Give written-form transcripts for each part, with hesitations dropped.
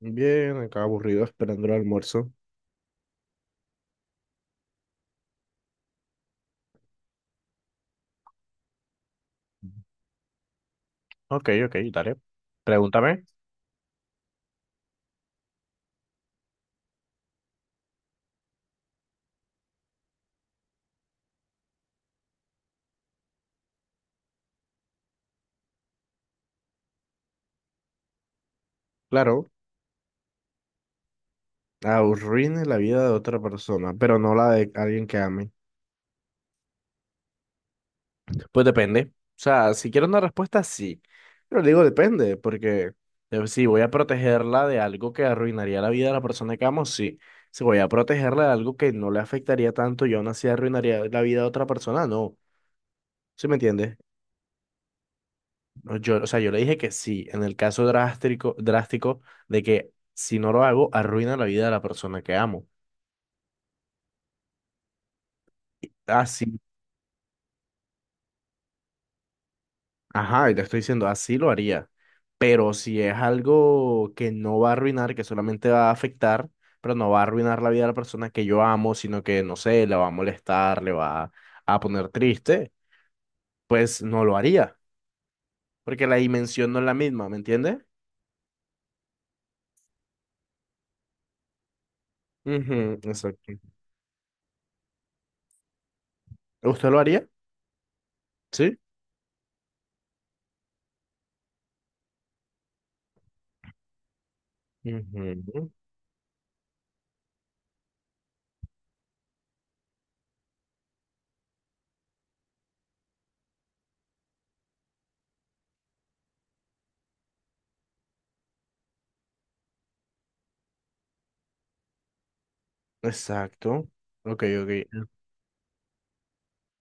Bien, acá aburrido esperando el almuerzo. Ok, ok, dale. Pregúntame. Claro, arruine la vida de otra persona, pero no la de alguien que ame. Pues depende. O sea, si quiero una respuesta, sí. Pero digo depende, porque si voy a protegerla de algo que arruinaría la vida de la persona que amo, sí. Si voy a protegerla de algo que no le afectaría tanto y aún así arruinaría la vida de otra persona, no. ¿Sí me entiendes? No, yo, o sea, yo le dije que sí, en el caso drástico de que si no lo hago, arruina la vida de la persona que amo. Así, ajá, y te estoy diciendo, así lo haría. Pero si es algo que no va a arruinar, que solamente va a afectar, pero no va a arruinar la vida de la persona que yo amo, sino que, no sé, le va a molestar, le va a poner triste, pues no lo haría, porque la dimensión no es la misma, ¿me entiende? Ujú, exacto. ¿Usted lo haría? Sí. Ujú. Exacto. Ok, ok.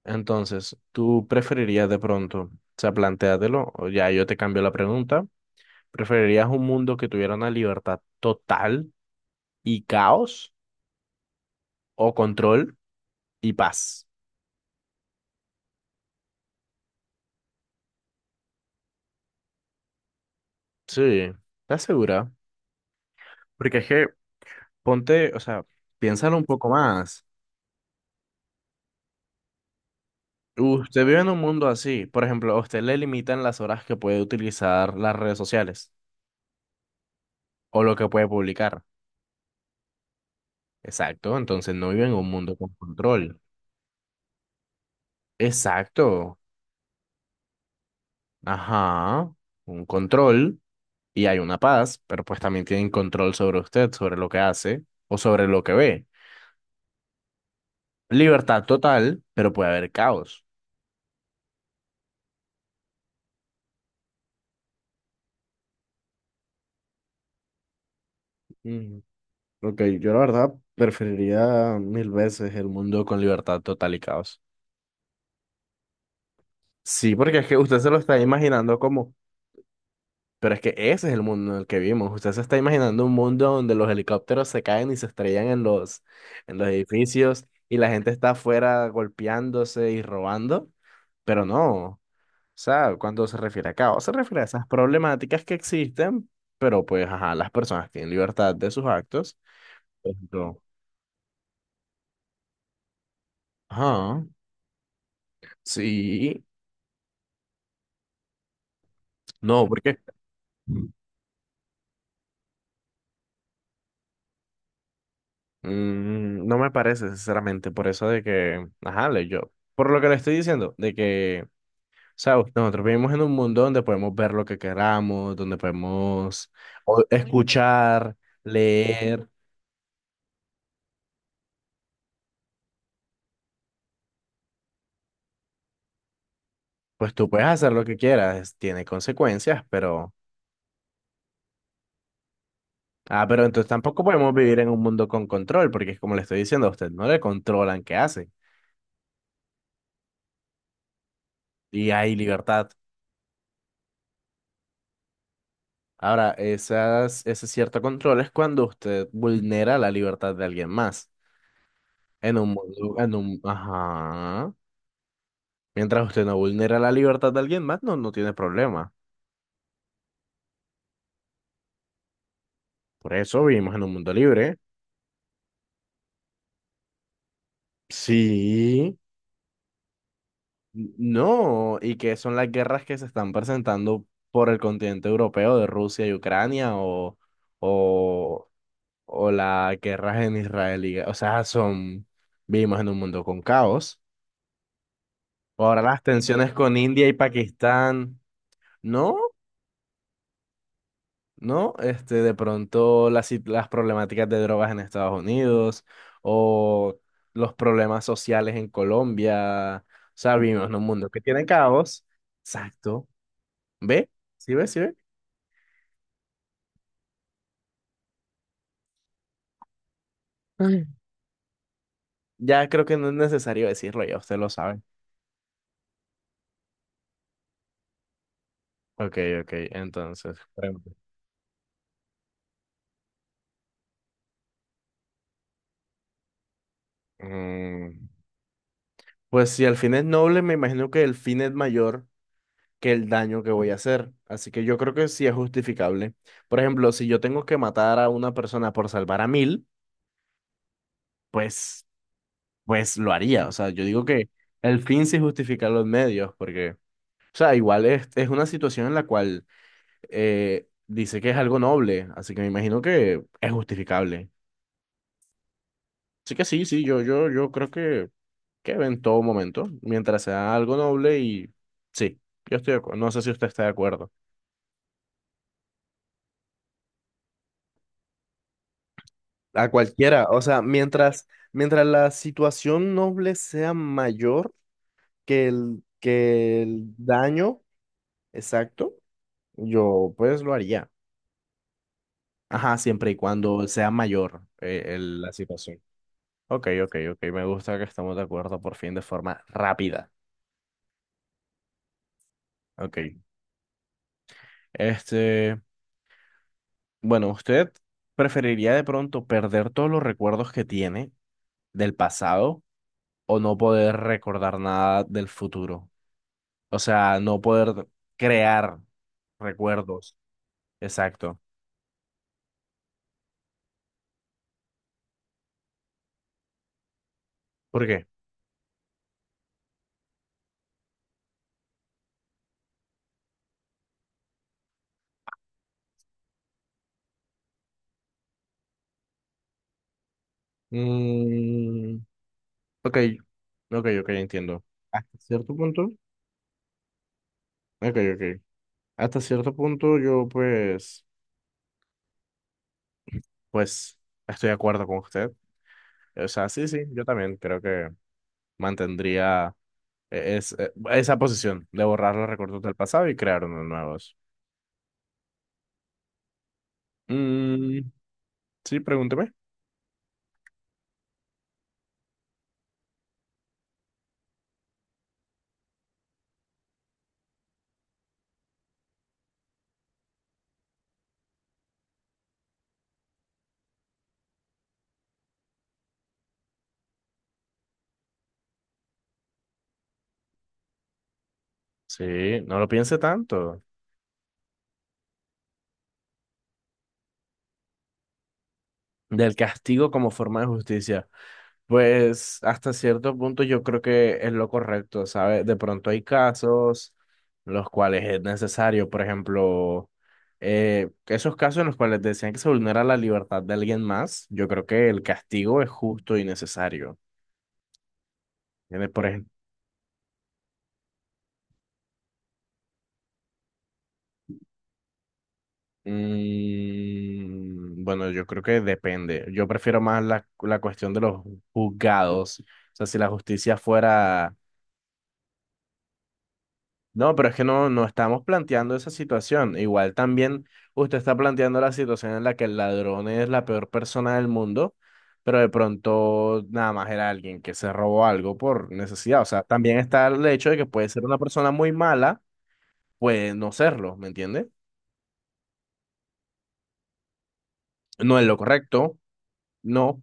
Entonces, ¿tú preferirías de pronto, o sea, plantéatelo, o ya yo te cambio la pregunta, ¿preferirías un mundo que tuviera una libertad total y caos o control y paz? Sí, ¿estás segura? Porque es que ponte, o sea, piénsalo un poco más. Usted vive en un mundo así, por ejemplo, a usted le limitan las horas que puede utilizar las redes sociales o lo que puede publicar. Exacto, entonces no vive en un mundo con control. Exacto. Ajá. Un control y hay una paz, pero pues también tienen control sobre usted, sobre lo que hace o sobre lo que ve. Libertad total, pero puede haber caos. Mm, ok, yo la verdad preferiría mil veces el mundo con libertad total y caos. Sí, porque es que usted se lo está imaginando como pero es que ese es el mundo en el que vivimos. Usted se está imaginando un mundo donde los helicópteros se caen y se estrellan en en los edificios y la gente está afuera golpeándose y robando. Pero no. O sea, cuando se refiere a caos, se refiere a esas problemáticas que existen, pero pues, ajá, las personas tienen libertad de sus actos. Por ejemplo, ajá. Sí. No, porque mm, no me parece, sinceramente, por eso de que, ajá, le- yo. Por lo que le estoy diciendo, de que sea, nosotros vivimos en un mundo donde podemos ver lo que queramos, donde podemos o- escuchar, leer, pues tú puedes hacer lo que quieras, tiene consecuencias, pero... Ah, pero entonces tampoco podemos vivir en un mundo con control, porque es como le estoy diciendo a usted, no le controlan qué hace y hay libertad. Ahora, esas, ese cierto control es cuando usted vulnera la libertad de alguien más. En un mundo, en un, ajá. Mientras usted no vulnera la libertad de alguien más, no, no tiene problema. Por eso vivimos en un mundo libre. Sí, no, y que son las guerras que se están presentando por el continente europeo de Rusia y Ucrania o, o las guerras en Israel. Y- o sea, son, vivimos en un mundo con caos. Ahora las tensiones con India y Pakistán. No, ¿no? Este, de pronto las, sit- las problemáticas de drogas en Estados Unidos o los problemas sociales en Colombia. O sea, vivimos en un mundo que tiene caos. Exacto. ¿Ve? ¿Sí ve? ¿Sí ve? Ay. Ya creo que no es necesario decirlo, ya usted lo sabe. Ok, ok, entonces. Bueno, mm, pues si el fin es noble, me imagino que el fin es mayor que el daño que voy a hacer. Así que yo creo que sí es justificable. Por ejemplo, si yo tengo que matar a una persona por salvar a mil, pues, pues lo haría. O sea, yo digo que el fin sí justifica los medios, porque, o sea, igual es una situación en la cual dice que es algo noble, así que me imagino que es justificable. Así que sí, sí, yo creo que en todo momento, mientras sea algo noble y sí, yo estoy de acuerdo. No sé si usted está de acuerdo. A cualquiera, o sea, mientras la situación noble sea mayor que que el daño, exacto, yo pues lo haría. Ajá, siempre y cuando sea mayor el- la situación. Ok, ok, ok. Me gusta que estamos de acuerdo por fin de forma rápida. Ok. Este, bueno, ¿usted preferiría de pronto perder todos los recuerdos que tiene del pasado o no poder recordar nada del futuro? O sea, no poder crear recuerdos. Exacto. ¿Por qué? Mm, ok, ok, ok, entiendo. Hasta cierto punto. Ok, ok. Hasta cierto punto yo pues, pues estoy de acuerdo con usted. O sea, sí, sí, yo también creo que mantendría e- es- e- esa posición de borrar los recuerdos del pasado y crear unos nuevos. Mm, sí, pregúnteme. Sí, no lo piense tanto. Del castigo como forma de justicia. Pues hasta cierto punto yo creo que es lo correcto, ¿sabes? De pronto hay casos en los cuales es necesario, por ejemplo, esos casos en los cuales decían que se vulnera la libertad de alguien más, yo creo que el castigo es justo y necesario. ¿Entiendes? Por ejemplo, mm, bueno, yo creo que depende. Yo prefiero más la cuestión de los juzgados. O sea, si la justicia fuera no, pero es que no, no estamos planteando esa situación. Igual también usted está planteando la situación en la que el ladrón es la peor persona del mundo, pero de pronto nada más era alguien que se robó algo por necesidad. O sea, también está el hecho de que puede ser una persona muy mala, puede no serlo, ¿me entiende? No es lo correcto, no,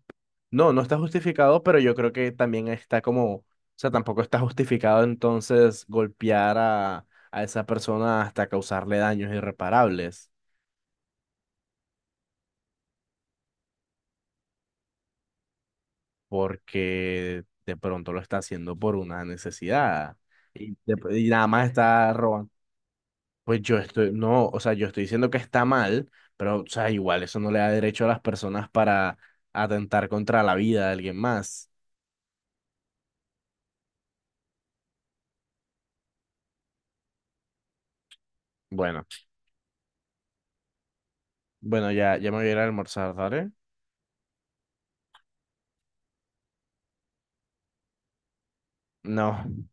no, no está justificado, pero yo creo que también está como, o sea, tampoco está justificado entonces golpear a esa persona hasta causarle daños irreparables. Porque de pronto lo está haciendo por una necesidad y, de- y nada más está robando. Pues yo estoy, no, o sea, yo estoy diciendo que está mal, pero, o sea, igual eso no le da derecho a las personas para atentar contra la vida de alguien más. Bueno, bueno, ya, ya me voy a ir a almorzar, ¿vale? No.